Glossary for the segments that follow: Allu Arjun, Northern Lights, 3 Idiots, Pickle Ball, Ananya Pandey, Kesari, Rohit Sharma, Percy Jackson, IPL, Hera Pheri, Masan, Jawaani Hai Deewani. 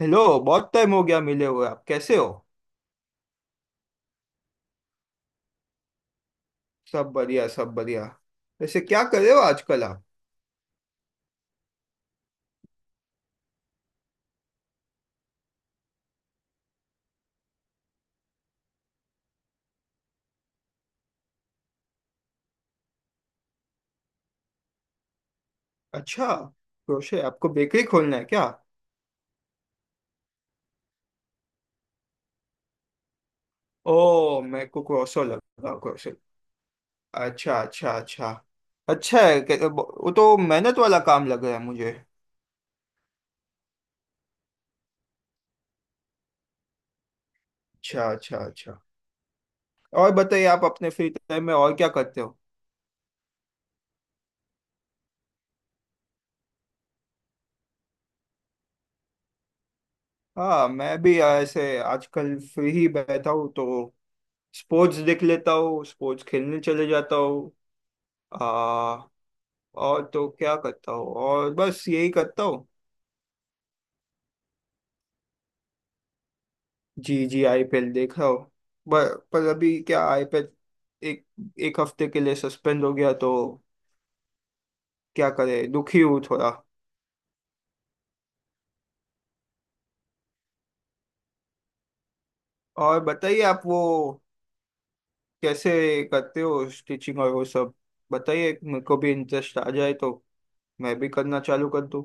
Hello, बहुत time हो गया मिले हुए। आप कैसे हो? सब बढ़िया, सब बढ़िया। वैसे क्या कर रहे हो आजकल आप? अच्छा। क्रोशे? आपको बेकरी खोलना है क्या? ओ, मेरे को क्रोशो लगा। अच्छा, अच्छा, अच्छा। अच्छा है वो तो मेहनत वाला काम लग रहा है मुझे। अच्छा, अच्छा, अच्छा। और बताइए, आप अपने फ्री टाइम में और क्या करते हो? हाँ, मैं भी ऐसे आजकल फ्री ही बैठा हूँ, तो स्पोर्ट्स देख लेता हूँ, स्पोर्ट्स खेलने चले जाता हूँ। आ, और तो क्या करता हूँ, और बस यही करता हूँ। जी जी, आईपीएल देख रहा हूँ। पर अभी क्या, आईपीएल एक एक हफ्ते के लिए सस्पेंड हो गया, तो क्या करे, दुखी हूँ थोड़ा। और बताइए, आप वो कैसे करते हो स्टिचिंग और वो सब? बताइए, मेरे को भी इंटरेस्ट आ जाए तो मैं भी करना चालू कर दूं।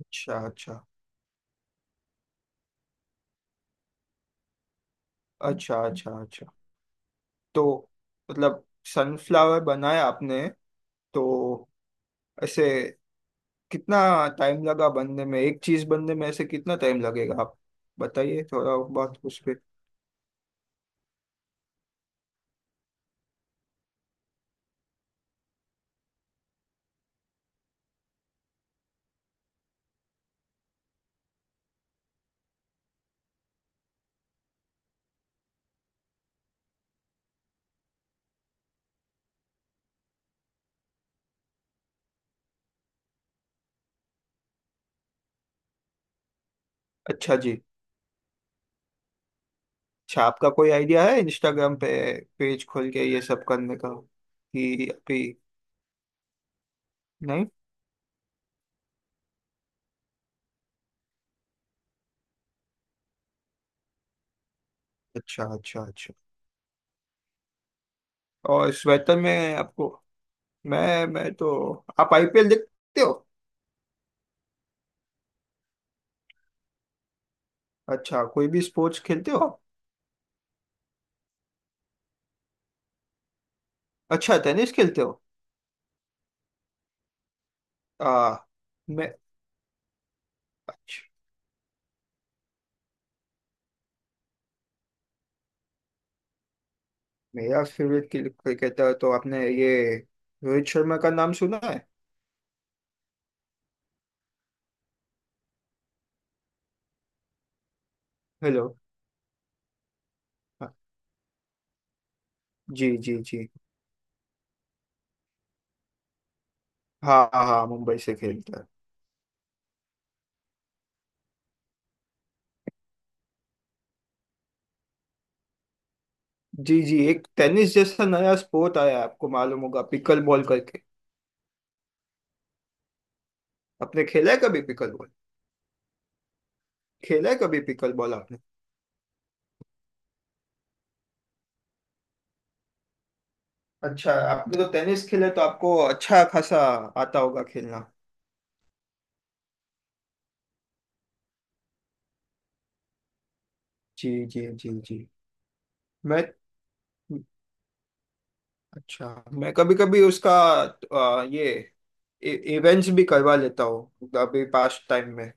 अच्छा, अच्छा, अच्छा। अच्छा, अच्छा। तो मतलब, सनफ्लावर बनाया आपने, तो ऐसे कितना टाइम लगा बनने में? एक चीज बनने में ऐसे कितना टाइम लगेगा, आप बताइए थोड़ा बहुत उस पे। अच्छा जी। अच्छा, आपका कोई आइडिया है इंस्टाग्राम पे पेज खोल के ये सब करने का, कि अभी? नहीं। अच्छा, अच्छा, अच्छा। और स्वेटर में आपको... मैं तो, आप आईपीएल देखते हो? अच्छा, कोई भी स्पोर्ट्स खेलते हो आप? अच्छा, टेनिस खेलते हो। आ, मैं... अच्छा। मेरा फेवरेट क्रिकेटर तो, आपने ये रोहित शर्मा का नाम सुना है? हेलो? हाँ, जी जी जी। हाँ हाँ हाँ, मुंबई से खेलता है। जी जी, एक टेनिस जैसा नया स्पोर्ट आया है, आपको मालूम होगा, पिकल बॉल करके। आपने खेला है कभी पिकल बॉल? खेला है कभी पिकल बॉल? अच्छा, आपने तो टेनिस खेले तो आपको अच्छा खासा आता होगा खेलना। जी जी जी जी। मैं... अच्छा, मैं कभी कभी उसका ये इवेंट्स भी करवा लेता हूँ अभी पास टाइम में।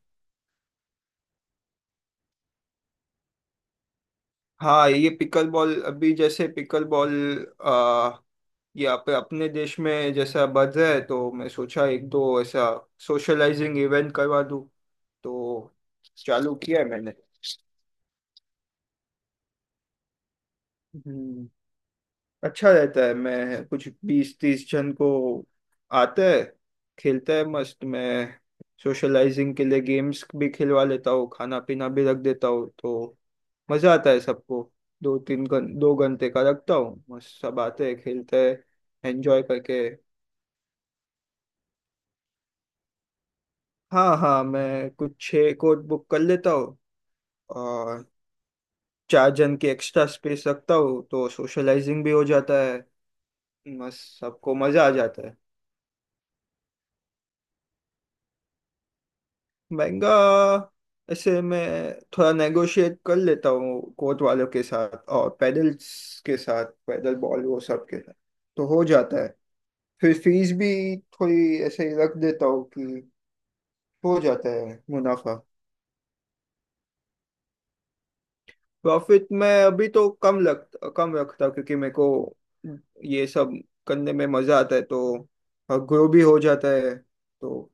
हाँ, ये पिकल बॉल, अभी जैसे पिकल बॉल, आ, ये आप अपने देश में जैसा बढ़ रहा है, तो मैं सोचा एक दो ऐसा सोशलाइजिंग इवेंट करवा दूँ, तो चालू किया है मैंने। हम्म। अच्छा रहता है, मैं कुछ बीस तीस जन को आते हैं, खेलते हैं मस्त। मैं सोशलाइजिंग के लिए गेम्स भी खिलवा लेता हूँ, खाना पीना भी रख देता हूँ, तो मज़ा आता है सबको। दो तीन घं 2 घंटे का रखता हूँ, मस्त सब आते हैं, खेलते हैं, एंजॉय करके। हाँ हाँ, मैं कुछ 6 कोड बुक कर लेता हूँ और 4 जन की एक्स्ट्रा स्पेस रखता हूँ, तो सोशलाइजिंग भी हो जाता है, मस्त सबको मज़ा आ जाता है। महंगा? ऐसे मैं थोड़ा नेगोशिएट कर लेता हूँ कोर्ट वालों के साथ और पैडल्स के साथ, पैडल बॉल, वो सब के साथ, तो हो जाता है। फिर फीस भी थोड़ी ऐसे ही रख देता हूँ, कि हो जाता है मुनाफा। प्रॉफिट, मैं अभी तो कम रखता हूँ, क्योंकि मेरे को ये सब करने में मज़ा आता है, तो ग्रो भी हो जाता है, तो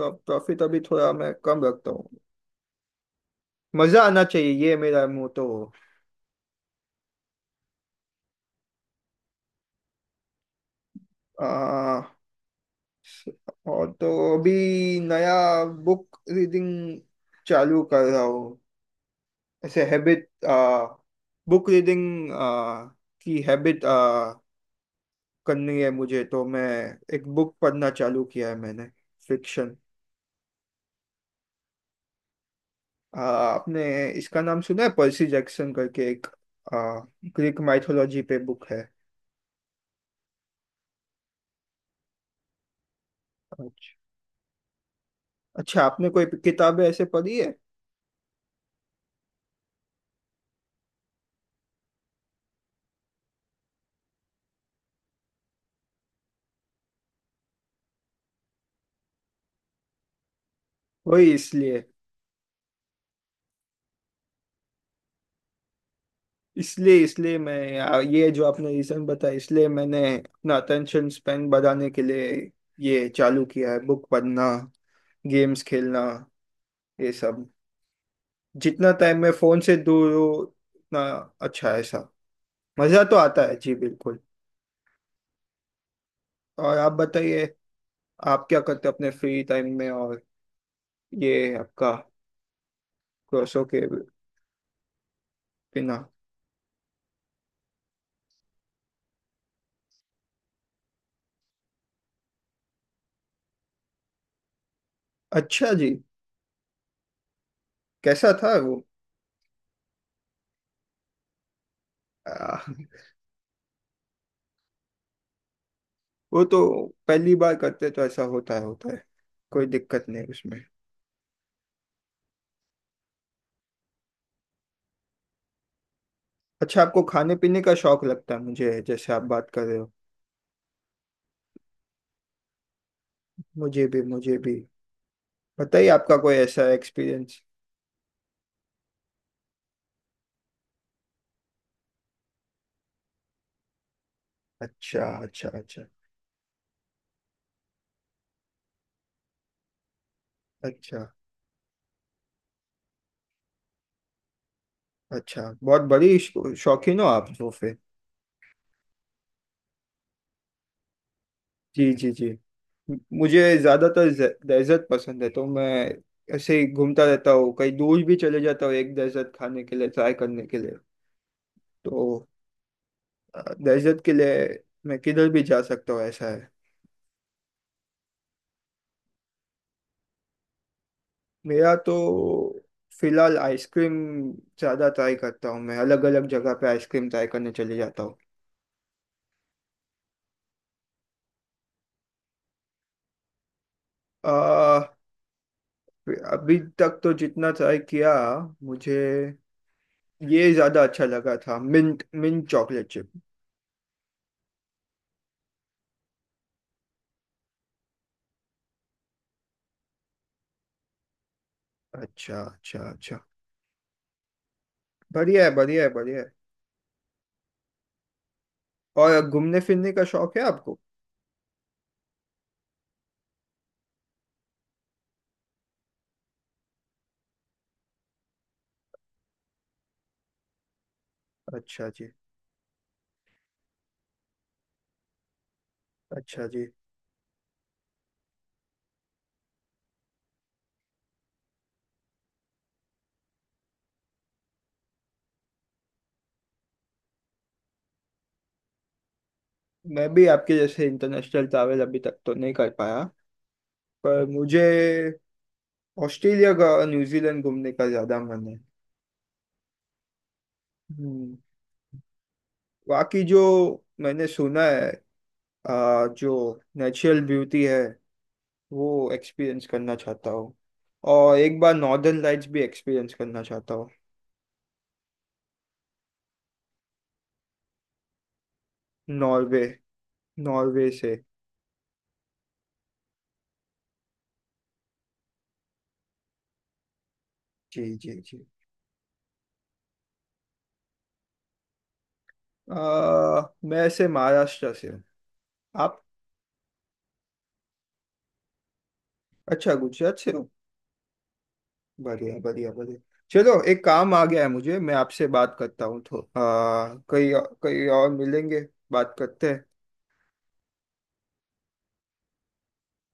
प्रॉफिट अभी थोड़ा मैं कम रखता हूँ। मज़ा आना चाहिए, ये मेरा मोटो। आ, और तो अभी नया बुक रीडिंग चालू कर रहा हूँ, ऐसे हैबिट। बुक रीडिंग की हैबिट करनी है मुझे, तो मैं एक बुक पढ़ना चालू किया है मैंने, फिक्शन। आपने इसका नाम सुना है, पर्सी जैक्सन करके? एक ग्रीक माइथोलॉजी पे बुक है। अच्छा। अच्छा, आपने कोई किताबें ऐसे पढ़ी है? वही, इसलिए इसलिए इसलिए मैं, ये जो आपने रीजन बताया, इसलिए मैंने अपना अटेंशन स्पेन बढ़ाने के लिए ये चालू किया है, बुक पढ़ना, गेम्स खेलना, ये सब। जितना टाइम मैं फोन से दूर हूँ, उतना अच्छा है सब। मजा तो आता है जी, बिल्कुल। और आप बताइए, आप क्या करते हो अपने फ्री टाइम में, और ये आपका कोर्सों के बिना? अच्छा जी। कैसा था वो? आ, वो तो पहली बार करते तो ऐसा होता है, होता है। कोई दिक्कत नहीं उसमें। अच्छा, आपको खाने पीने का शौक लगता है, मुझे जैसे आप बात कर रहे हो। मुझे भी, मुझे भी। बताइए, आपका कोई ऐसा एक्सपीरियंस? अच्छा, अच्छा, अच्छा। अच्छा, अच्छा, बहुत बड़ी शौकीन हो आप सोफे। जी जी जी। मुझे ज्यादातर डेजर्ट पसंद है, तो मैं ऐसे ही घूमता रहता हूँ, कहीं दूर भी चले जाता हूँ एक डेजर्ट खाने के लिए, ट्राई करने के लिए। तो डेजर्ट के लिए मैं किधर भी जा सकता हूँ, ऐसा है। मेरा तो फिलहाल आइसक्रीम ज़्यादा ट्राई करता हूँ, मैं अलग अलग जगह पे आइसक्रीम ट्राई करने चले जाता हूँ। आ, अभी तक तो जितना ट्राई किया, मुझे ये ज़्यादा अच्छा लगा था, मिंट मिंट चॉकलेट चिप। अच्छा, अच्छा, अच्छा, बढ़िया है, बढ़िया है, बढ़िया है। और घूमने फिरने का शौक है आपको? अच्छा जी। अच्छा जी, मैं भी आपके जैसे इंटरनेशनल ट्रैवल अभी तक तो नहीं कर पाया, पर मुझे ऑस्ट्रेलिया का, न्यूजीलैंड घूमने का ज़्यादा मन है। हम्म। बाकी जो मैंने सुना है, जो नेचुरल ब्यूटी है, वो एक्सपीरियंस करना चाहता हूँ। और एक बार नॉर्दर्न लाइट्स भी एक्सपीरियंस करना चाहता हूँ। नॉर्वे नॉर्वे से। जी जी जी। मैं से महाराष्ट्र से हूँ। आप? अच्छा, गुजरात से हो। बढ़िया, बढ़िया, बढ़िया। चलो, एक काम आ गया है मुझे, मैं आपसे बात करता हूँ तो, कहीं कहीं और मिलेंगे, बात करते हैं।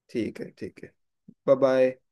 ठीक है, ठीक है। Bye bye.